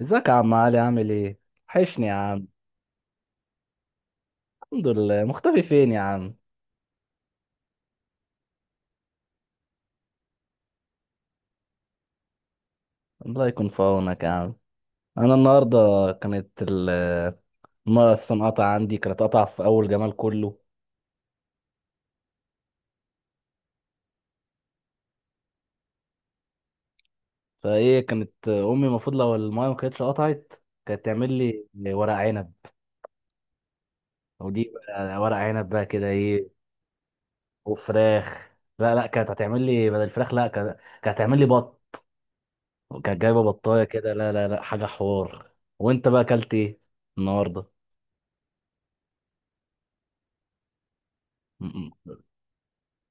ازيك يا عم علي؟ عامل ايه؟ وحشني يا عم. الحمد لله، مختفي فين يا عم؟ الله يكون في عونك يا عم. انا النهارده كانت الميه اصلا قطع عندي، كانت قطع في اول جمال كله. فايه كانت امي المفروض لو الميه ما كانتش قطعت كانت تعمل لي ورق عنب، ودي بقى ورق عنب بقى كده ايه وفراخ. لا كانت هتعمل لي بدل الفراخ، لا كانت، كانت هتعمل لي بط، كانت جايبه بطايه كده، لا حاجه حوار. وانت بقى اكلت ايه النهارده؟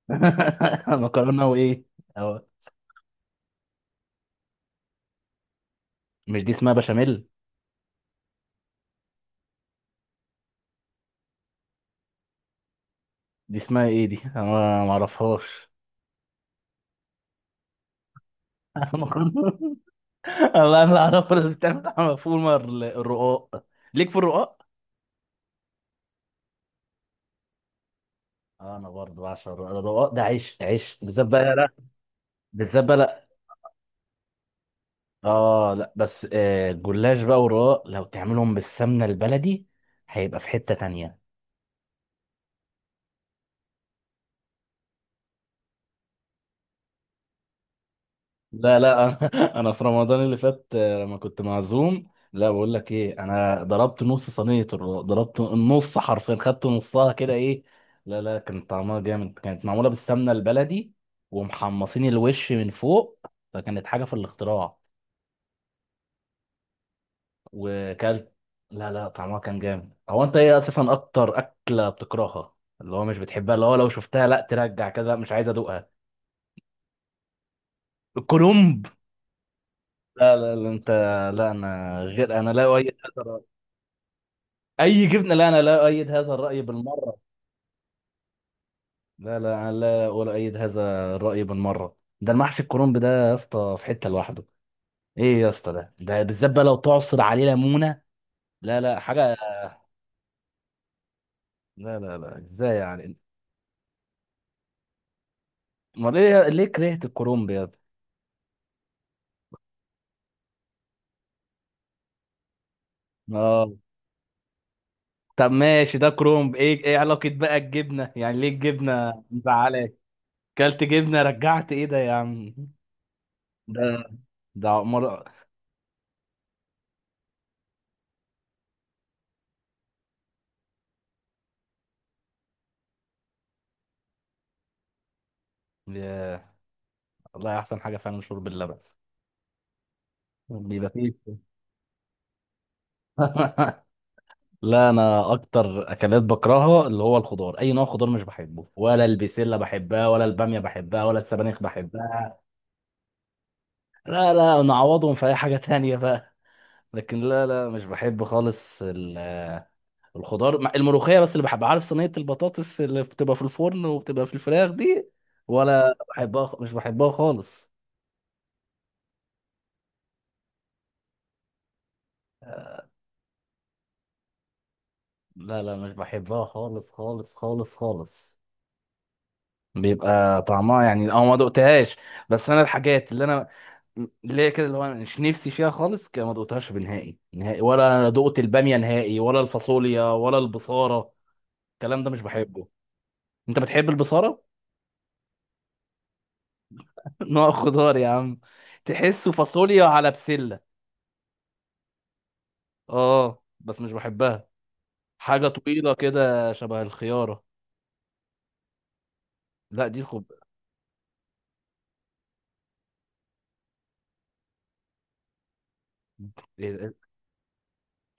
مكرونه وايه؟ أو مش دي اسمها بشاميل؟ دي اسمها ايه دي؟ انا ما اعرفهاش. مكرونه. والله انا اعرف اللي بتعمل مفهوم الرقاق، ليك في الرقاق. آه، انا برضه بعشق الرقاق، الرقاق ده عيش، عيش بالذات بقى لا. بالذات بقى لا، اه لا بس آه الجلاش بقى والرقاق لو تعملهم بالسمنه البلدي هيبقى في حته تانية. لا أنا في رمضان اللي فات آه، لما كنت معزوم، لا بقول لك ايه، انا ضربت نص صينيه ضربت النص حرفيا، خدت نصها كده ايه. لا كان طعمها جامد، كانت معموله بالسمنه البلدي ومحمصين الوش من فوق، فكانت حاجه في الاختراع. وكلت، لا طعمها كان جامد. هو انت ايه اساسا اكتر اكله بتكرهها، اللي هو مش بتحبها، اللي هو لو شفتها لا ترجع كده مش عايز ادوقها؟ الكرنب، لا انت، لا انا غير، انا لا اؤيد. أي جبنة، لا أنا لا أؤيد هذا الرأي بالمرة. لا أنا لا ولا أؤيد هذا الرأي بالمرة، ده المحشي الكرنب ده يا اسطى في حتة لوحده. إيه يا اسطى، ده بالذات بقى لو تعصر عليه ليمونة. لا حاجة، لا إزاي يعني؟ أمال ليه؟ ليه كرهت الكرنب يا ابني؟ آه. طب ماشي، ده كرنب، إيه إيه علاقة بقى الجبنة؟ يعني ليه الجبنة مزعلاك؟ كلت جبنة رجعت، إيه ده يا عم؟ ده ده مرة. ياه، والله أحسن حاجة فعلا شرب اللبن. بيبقى فيه. لا انا اكتر اكلات بكرهها اللي هو الخضار، اي نوع خضار مش بحبه، ولا البسله بحبها، ولا الباميه بحبها، ولا السبانخ بحبها. لا نعوضهم في اي حاجه تانية بقى، لكن لا مش بحب خالص الخضار الملوخيه بس اللي بحبها. عارف صينيه البطاطس اللي بتبقى في الفرن وبتبقى في الفراخ دي؟ ولا بحبها، مش بحبها خالص. لا مش بحبها خالص خالص خالص خالص. بيبقى طعمها يعني اه ما دقتهاش. بس انا الحاجات اللي هي كده اللي هو أنا مش نفسي فيها خالص كده ما دقتهاش بنهائي نهائي. ولا انا دقت الباميه نهائي، ولا الفاصوليا، ولا البصاره. الكلام ده مش بحبه. انت بتحب البصاره؟ نوع خضار يا عم، تحسه فاصوليا على بسله. اه بس مش بحبها، حاجه طويله كده شبه الخياره. لا دي إيه-،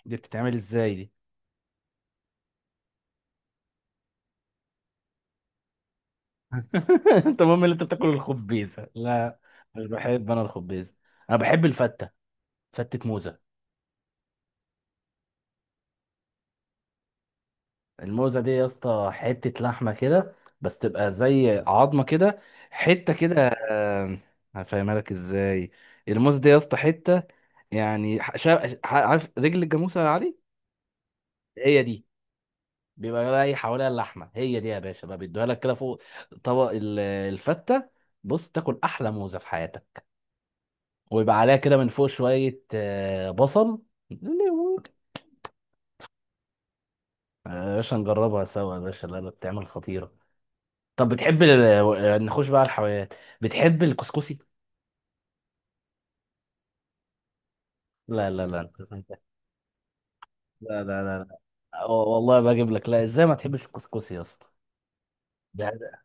دي بتتعمل ازاي دي؟ انت المهم ان انت بتاكل الخبيزه، لا مش بحب انا الخبيزه. انا بحب الفته، فتة موزة. الموزة دي يا اسطى حتة لحمة كده، بس تبقى زي عظمة كده، حتة كده آم، هفهمها لك ازاي. الموزة دي يا اسطى حتة، يعني عارف رجل الجاموسة يا علي؟ هي دي، بيبقى راي حواليها اللحمة. هي دي يا باشا بقى بيدوها لك كده فوق طبق الفتة. بص تاكل أحلى موزة في حياتك، ويبقى عليها كده من فوق شوية آه، بصل. آه، يا باشا نجربها سوا يا باشا، لا بتعمل خطيرة. طب بتحب ال... آه، نخش بقى على الحلويات. بتحب الكسكسي؟ لا لا لا. والله بجيب لك، لا ازاي ما تحبش الكسكسي يا اسطى؟ ده-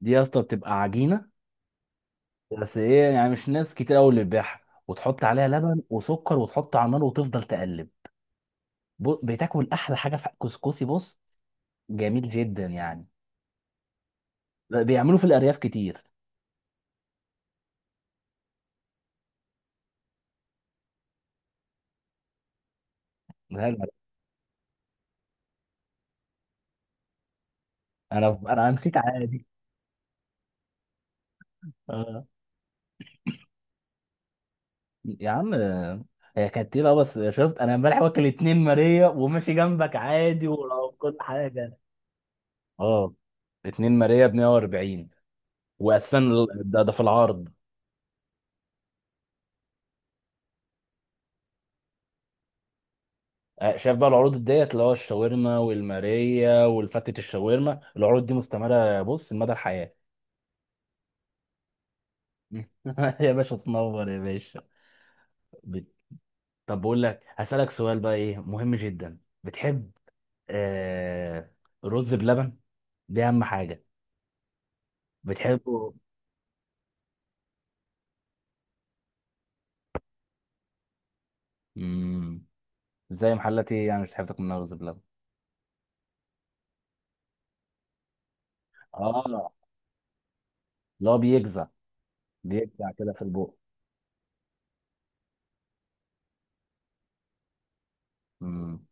دي يا اسطى بتبقى عجينه، بس ايه يعني مش ناس كتير قوي اللي بتبيعها، وتحط عليها لبن وسكر وتحط على النار وتفضل تقلب. بتاكل احلى حاجه في الكسكسي، بص جميل جدا يعني. بيعملوا في الارياف كتير. انا انا أنا مشيت على دي. يا عم هي كانت ايه بقى؟ بس شفت انا امبارح واكل اتنين ماريا وماشي جنبك عادي وكل حاجه. اه، اتنين ماريا ب 140، واساسا ده في العرض. آه، شايف بقى العروض ديت اللي هو الشاورما والماريا والفتة الشاورما، العروض دي مستمرة بص لمدى الحياة. يا باشا تنور يا باشا. بت- طب بقول لك هسألك سؤال بقى ايه مهم جدا. بتحب آه رز بلبن؟ دي اهم حاجة. بتحبه. مم. زي محلات ايه يعني مش بتحب تاكل منها رز بلبن؟ اه. اللي هو بيجزع، بيجزع كده في البوق. مم.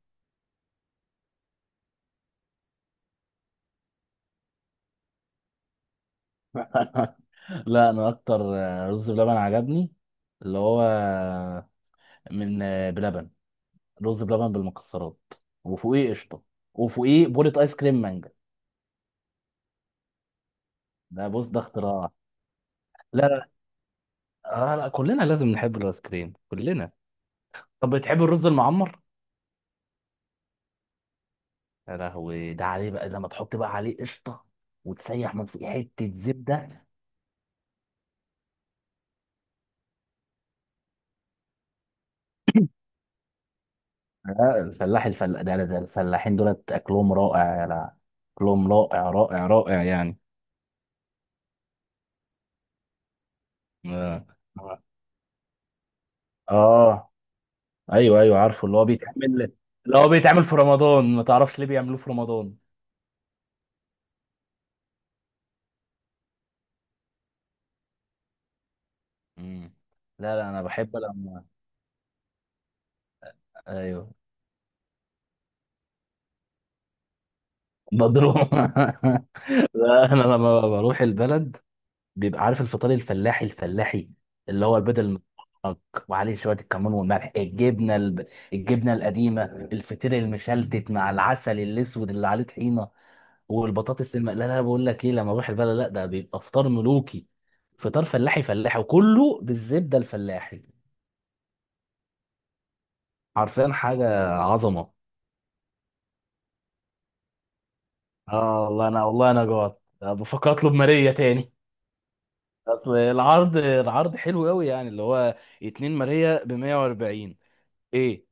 لا انا اكتر آه، رز بلبن عجبني اللي هو آه، من آه، بلبن، رز بلبن بالمكسرات وفوقيه قشطه، وفوقيه بولة ايس كريم مانجا. ده بص ده اختراع. لا آه لا كلنا لازم نحب الايس كريم كلنا. طب بتحب الرز المعمر؟ يا لهوي ده عليه بقى لما تحط بقى عليه قشطه وتسيح من فوق حته زبده. لا الفلاح الفلا ده, ده ده الفلاحين دولت اكلهم رائع. لا اكلهم رائع رائع رائع يعني. اه. آه. آه. ايوه ايوه عارفه اللي هو بيتعمل، اللي هو بيتعمل في رمضان. ما تعرفش ليه بيعملوه في رمضان؟ مم. لا انا بحب لما، ايوه، مضروب. لا انا لما بروح البلد بيبقى عارف الفطار الفلاحي الفلاحي، اللي هو البيض المسلوق وعليه شويه الكمون والملح، الجبنه الجبنه القديمه، الفطير المشلتت مع العسل الاسود اللي عليه طحينه، والبطاطس لا بقول لك ايه، لما اروح البلد لا ده بيبقى فطار ملوكي، فطار فلاحي فلاحي وكله بالزبده الفلاحي، حرفيا حاجه عظمه. اه والله، انا والله جوعت بفكر اطلب ماريا تاني. اصل العرض، العرض حلو قوي يعني، اللي هو اتنين ماريا ب 140، ايه.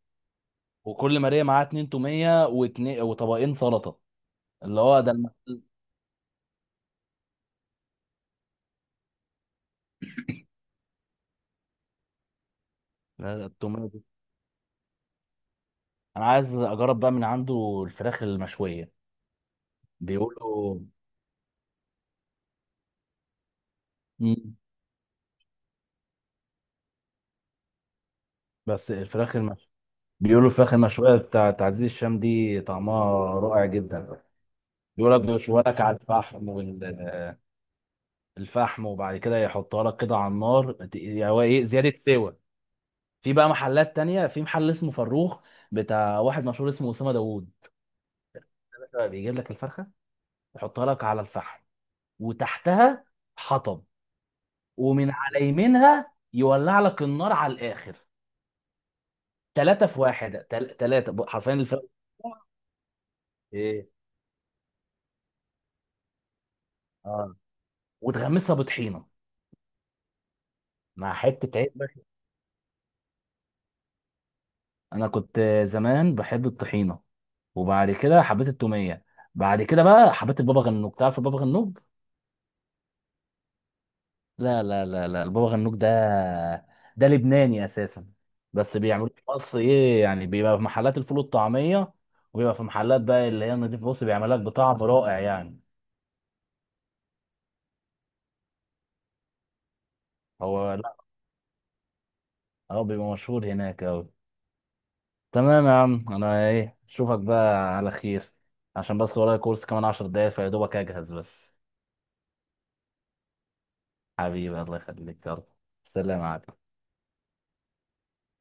وكل ماريا معاها اتنين توميه واتنين وطبقين سلطه. اللي هو التوميه دي. انا عايز اجرب بقى من عنده الفراخ المشويه. بيقولوا، مم. بس الفراخ المشويه، بيقولوا الفراخ المشويه بتاعت عزيز الشام دي طعمها رائع جدا. بيقول لك بيشوها لك على الفحم والفحم، وبعد كده يحطها لك كده على النار يعني هو ايه زياده سوى. في بقى محلات تانية، في محل اسمه فروخ بتاع واحد مشهور اسمه اسامه داوود، بيجيب لك الفرخه يحطها لك على الفحم وتحتها حطب ومن على يمينها يولع لك النار على الاخر. ثلاثة في واحد، ثلاثة حرفيا الفرق. ايه اه. وتغمسها بطحينة مع حتة عيش بس. انا كنت زمان بحب الطحينة، وبعد كده حبيت التومية، بعد كده بقى حبيت البابا غنوج. تعرف البابا غنوج؟ لا البابا غنوج ده، ده لبناني اساسا، بس بيعملوه في مصر. ايه يعني، بيبقى في محلات الفول والطعميه، وبيبقى في محلات بقى اللي هي النضيف بص بيعمل لك بطعم رائع يعني. هو لا، هو بيبقى مشهور هناك اوي. تمام يا عم، انا ايه اشوفك بقى على خير، عشان بس ورايا كورس كمان 10 دقايق فيا دوبك اجهز بس. حبيبي الله يخليك، يلا سلام عليكم.